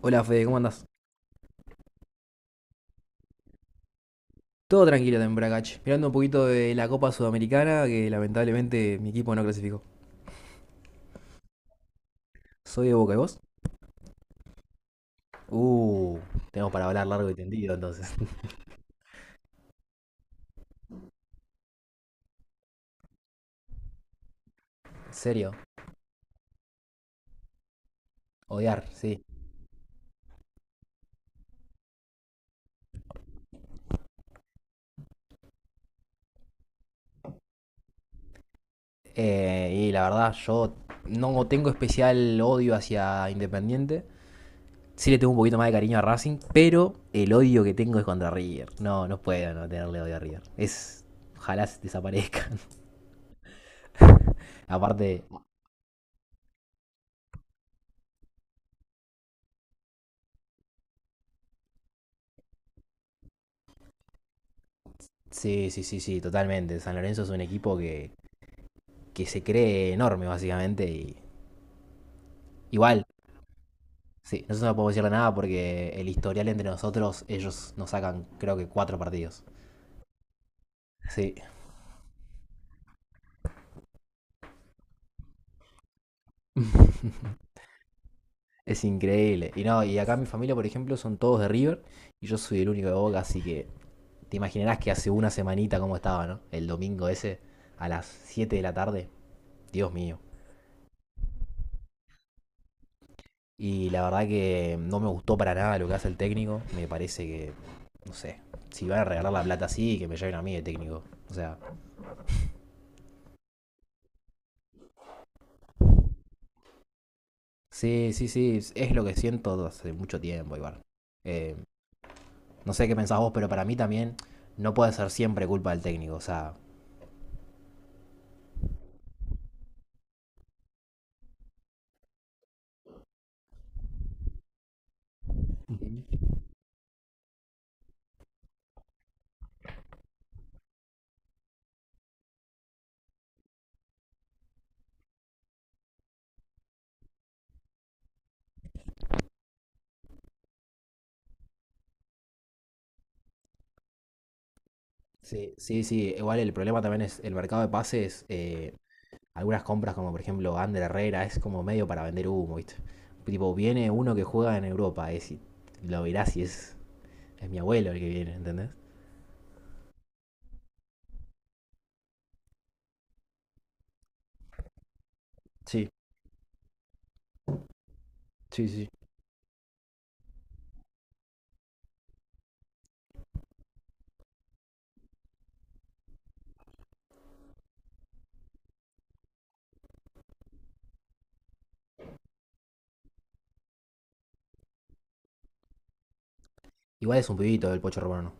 Hola Fede, ¿cómo andás? Todo tranquilo en Bragach, mirando un poquito de la Copa Sudamericana que lamentablemente mi equipo no clasificó. ¿Soy de Boca y vos? Uh, tenemos para hablar largo y tendido entonces. ¿En serio? Odiar, sí. Y la verdad, yo no tengo especial odio hacia Independiente. Sí le tengo un poquito más de cariño a Racing, pero el odio que tengo es contra River. No, no puedo no tenerle odio a River. Es. Ojalá se desaparezcan. Aparte, sí, sí, sí, sí, totalmente. San Lorenzo es un equipo que se cree enorme, básicamente. Y igual, sí, nosotros no podemos decirle nada porque el historial entre nosotros, ellos nos sacan, creo que 4 partidos. Sí. Es increíble. Y no, y acá mi familia, por ejemplo, son todos de River y yo soy el único de Boca, así que te imaginarás que hace una semanita cómo estaba, ¿no? El domingo ese, a las 7 de la tarde. Dios mío. Y la verdad que no me gustó para nada lo que hace el técnico. Me parece que, no sé, si van a regalar la plata así, que me lleven a mí de técnico. O sea, sí, sí, sí, es lo que siento hace mucho tiempo igual. Eh, no sé qué pensás vos, pero para mí también no puede ser siempre culpa del técnico. O sea, sí, sí, sí, igual el problema también es el mercado de pases. Algunas compras como por ejemplo Ander Herrera es como medio para vender humo, ¿viste? Tipo, viene uno que juega en Europa, es, y lo verás y es mi abuelo el que viene, ¿entendés? Sí, sí, sí. Igual es un pibito el Pocho Romano.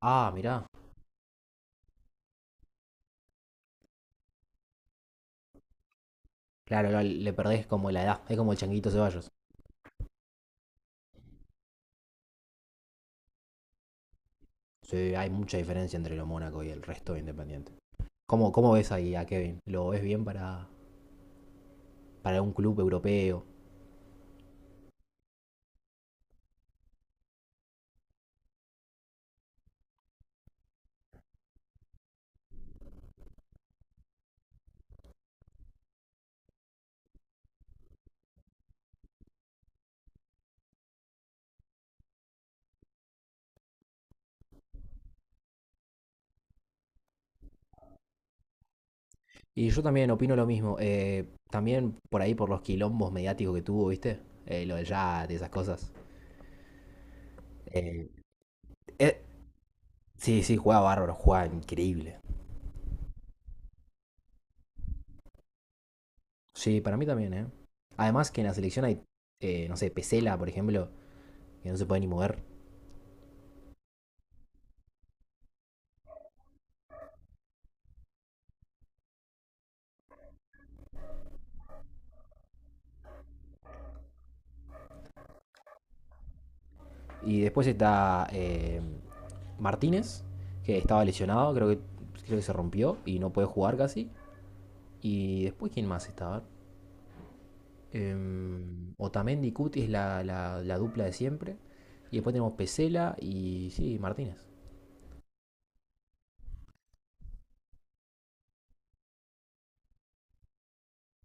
Ah, mirá. Claro, le perdés como la edad, es como el Changuito Ceballos. Sí, hay mucha diferencia entre lo Mónaco y el resto de Independiente. ¿Cómo ves ahí a Kevin? ¿Lo ves bien para un club europeo? Y yo también opino lo mismo. También por ahí por los quilombos mediáticos que tuvo, ¿viste? Lo de Yat y esas cosas. Eh, eh, sí, sí, juega bárbaro, juega increíble. Sí, para mí también, ¿eh? Además que en la selección hay, no sé, Pesela, por ejemplo, que no se puede ni mover. Y después está Martínez, que estaba lesionado, creo que se rompió y no puede jugar casi. Y después, ¿quién más estaba? Em, Otamendi y Cuti es la, la dupla de siempre. Y después tenemos Pesela y sí, Martínez.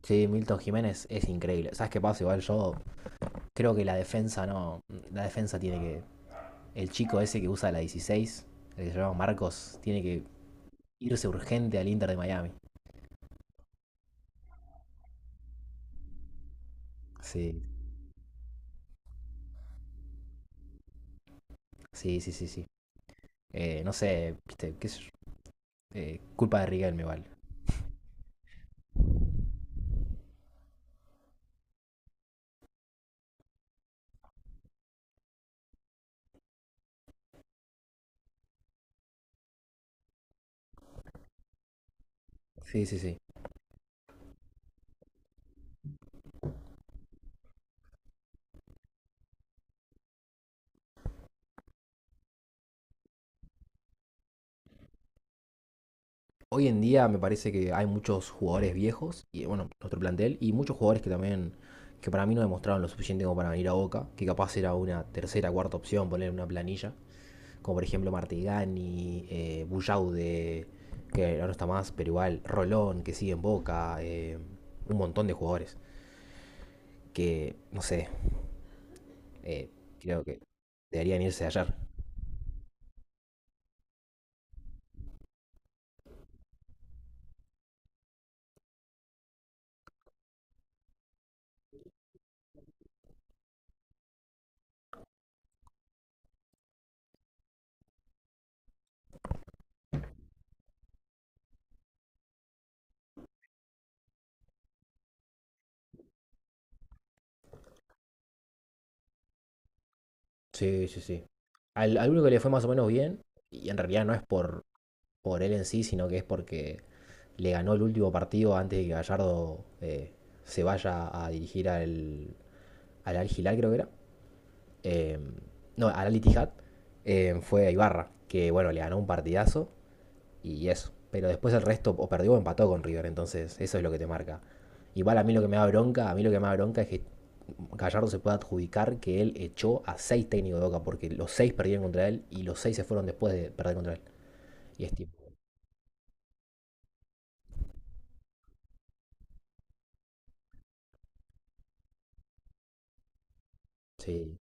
Sí, Milton Jiménez es increíble. ¿Sabes qué pasa? Igual yo creo que la defensa no. La defensa tiene que... el chico ese que usa la 16, el que se llama Marcos, tiene que irse urgente al Inter de Miami. Sí, sí, sí, sí, sí. No sé, viste, qué sé yo. Culpa de Riquelme, igual. Sí, sí, sí. Hoy en día me parece que hay muchos jugadores viejos, y bueno, nuestro plantel, y muchos jugadores que también, que para mí no demostraron lo suficiente como para venir a Boca, que capaz era una tercera, cuarta opción, poner una planilla, como por ejemplo Martigani, Bullaude, que ahora no está más, pero igual Rolón, que sigue en Boca, un montón de jugadores, que no sé, eh, creo que deberían irse de ayer. Sí, sí, sí. Al al único que le fue más o menos bien, y en realidad no es por él en sí, sino que es porque le ganó el último partido antes de que Gallardo se vaya a dirigir al, al Al Hilal, creo que era. Eh, no, al Al Ittihad, fue a Ibarra, que bueno, le ganó un partidazo y eso. Pero después el resto o perdió o empató con River, entonces eso es lo que te marca. Igual a mí lo que me da bronca, a mí lo que me da bronca es que Gallardo se puede adjudicar que él echó a 6 técnicos de Boca, porque los seis perdieron contra él y los seis se fueron después de perder contra él. Y es tipo, sí,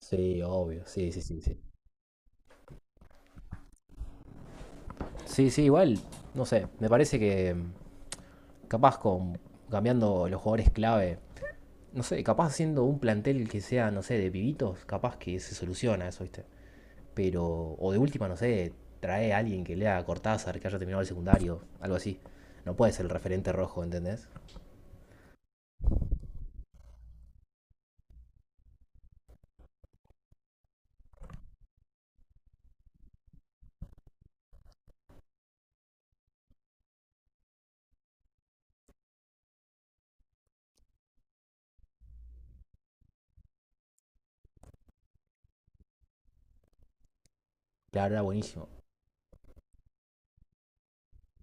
sí, obvio, sí, sí, sí, sí. Sí, sí, igual, no sé, me parece que mm, capaz con cambiando los jugadores clave, no sé, capaz haciendo un plantel que sea, no sé, de pibitos, capaz que se soluciona eso, ¿viste? Pero, o de última, no sé, trae a alguien que lea a Cortázar, que haya terminado el secundario, algo así. No puede ser el referente rojo, ¿entendés? Claro, era buenísimo.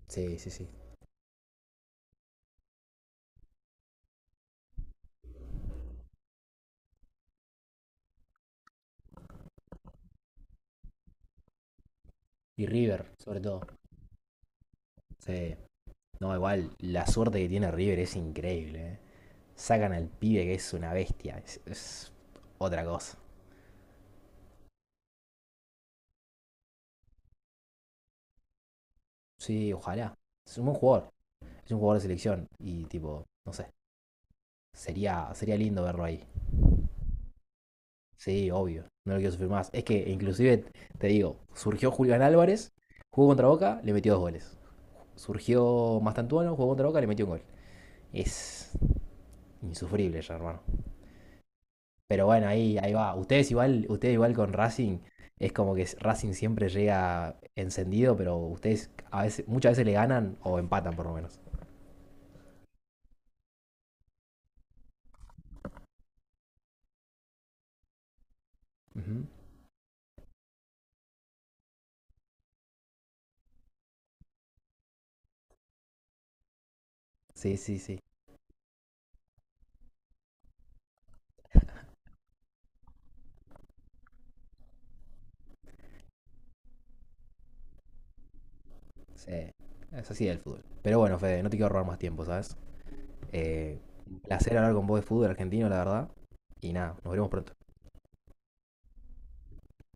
Sí, sí, sí. Y River, sobre todo. Sí. No, igual, la suerte que tiene River es increíble, ¿eh? Sacan al pibe que es una bestia, es otra cosa. Sí, ojalá. Es un buen jugador. Es un jugador de selección. Y tipo, no sé. Sería lindo verlo ahí. Sí, obvio. No lo quiero sufrir más. Es que inclusive, te digo, surgió Julián Álvarez, jugó contra Boca, le metió 2 goles. Surgió Mastantuano, jugó contra Boca, le metió un gol. Es insufrible ya, hermano. Pero bueno, ahí, ahí va. Ustedes igual con Racing, es como que Racing siempre llega encendido, pero ustedes a veces, muchas veces le ganan o empatan por lo menos. Ujú. Sí, sí, sí. Sí, es así el fútbol. Pero bueno, Fede, no te quiero robar más tiempo, ¿sabes? Eh, un placer hablar con vos de fútbol argentino, la verdad. Y nada, nos veremos pronto.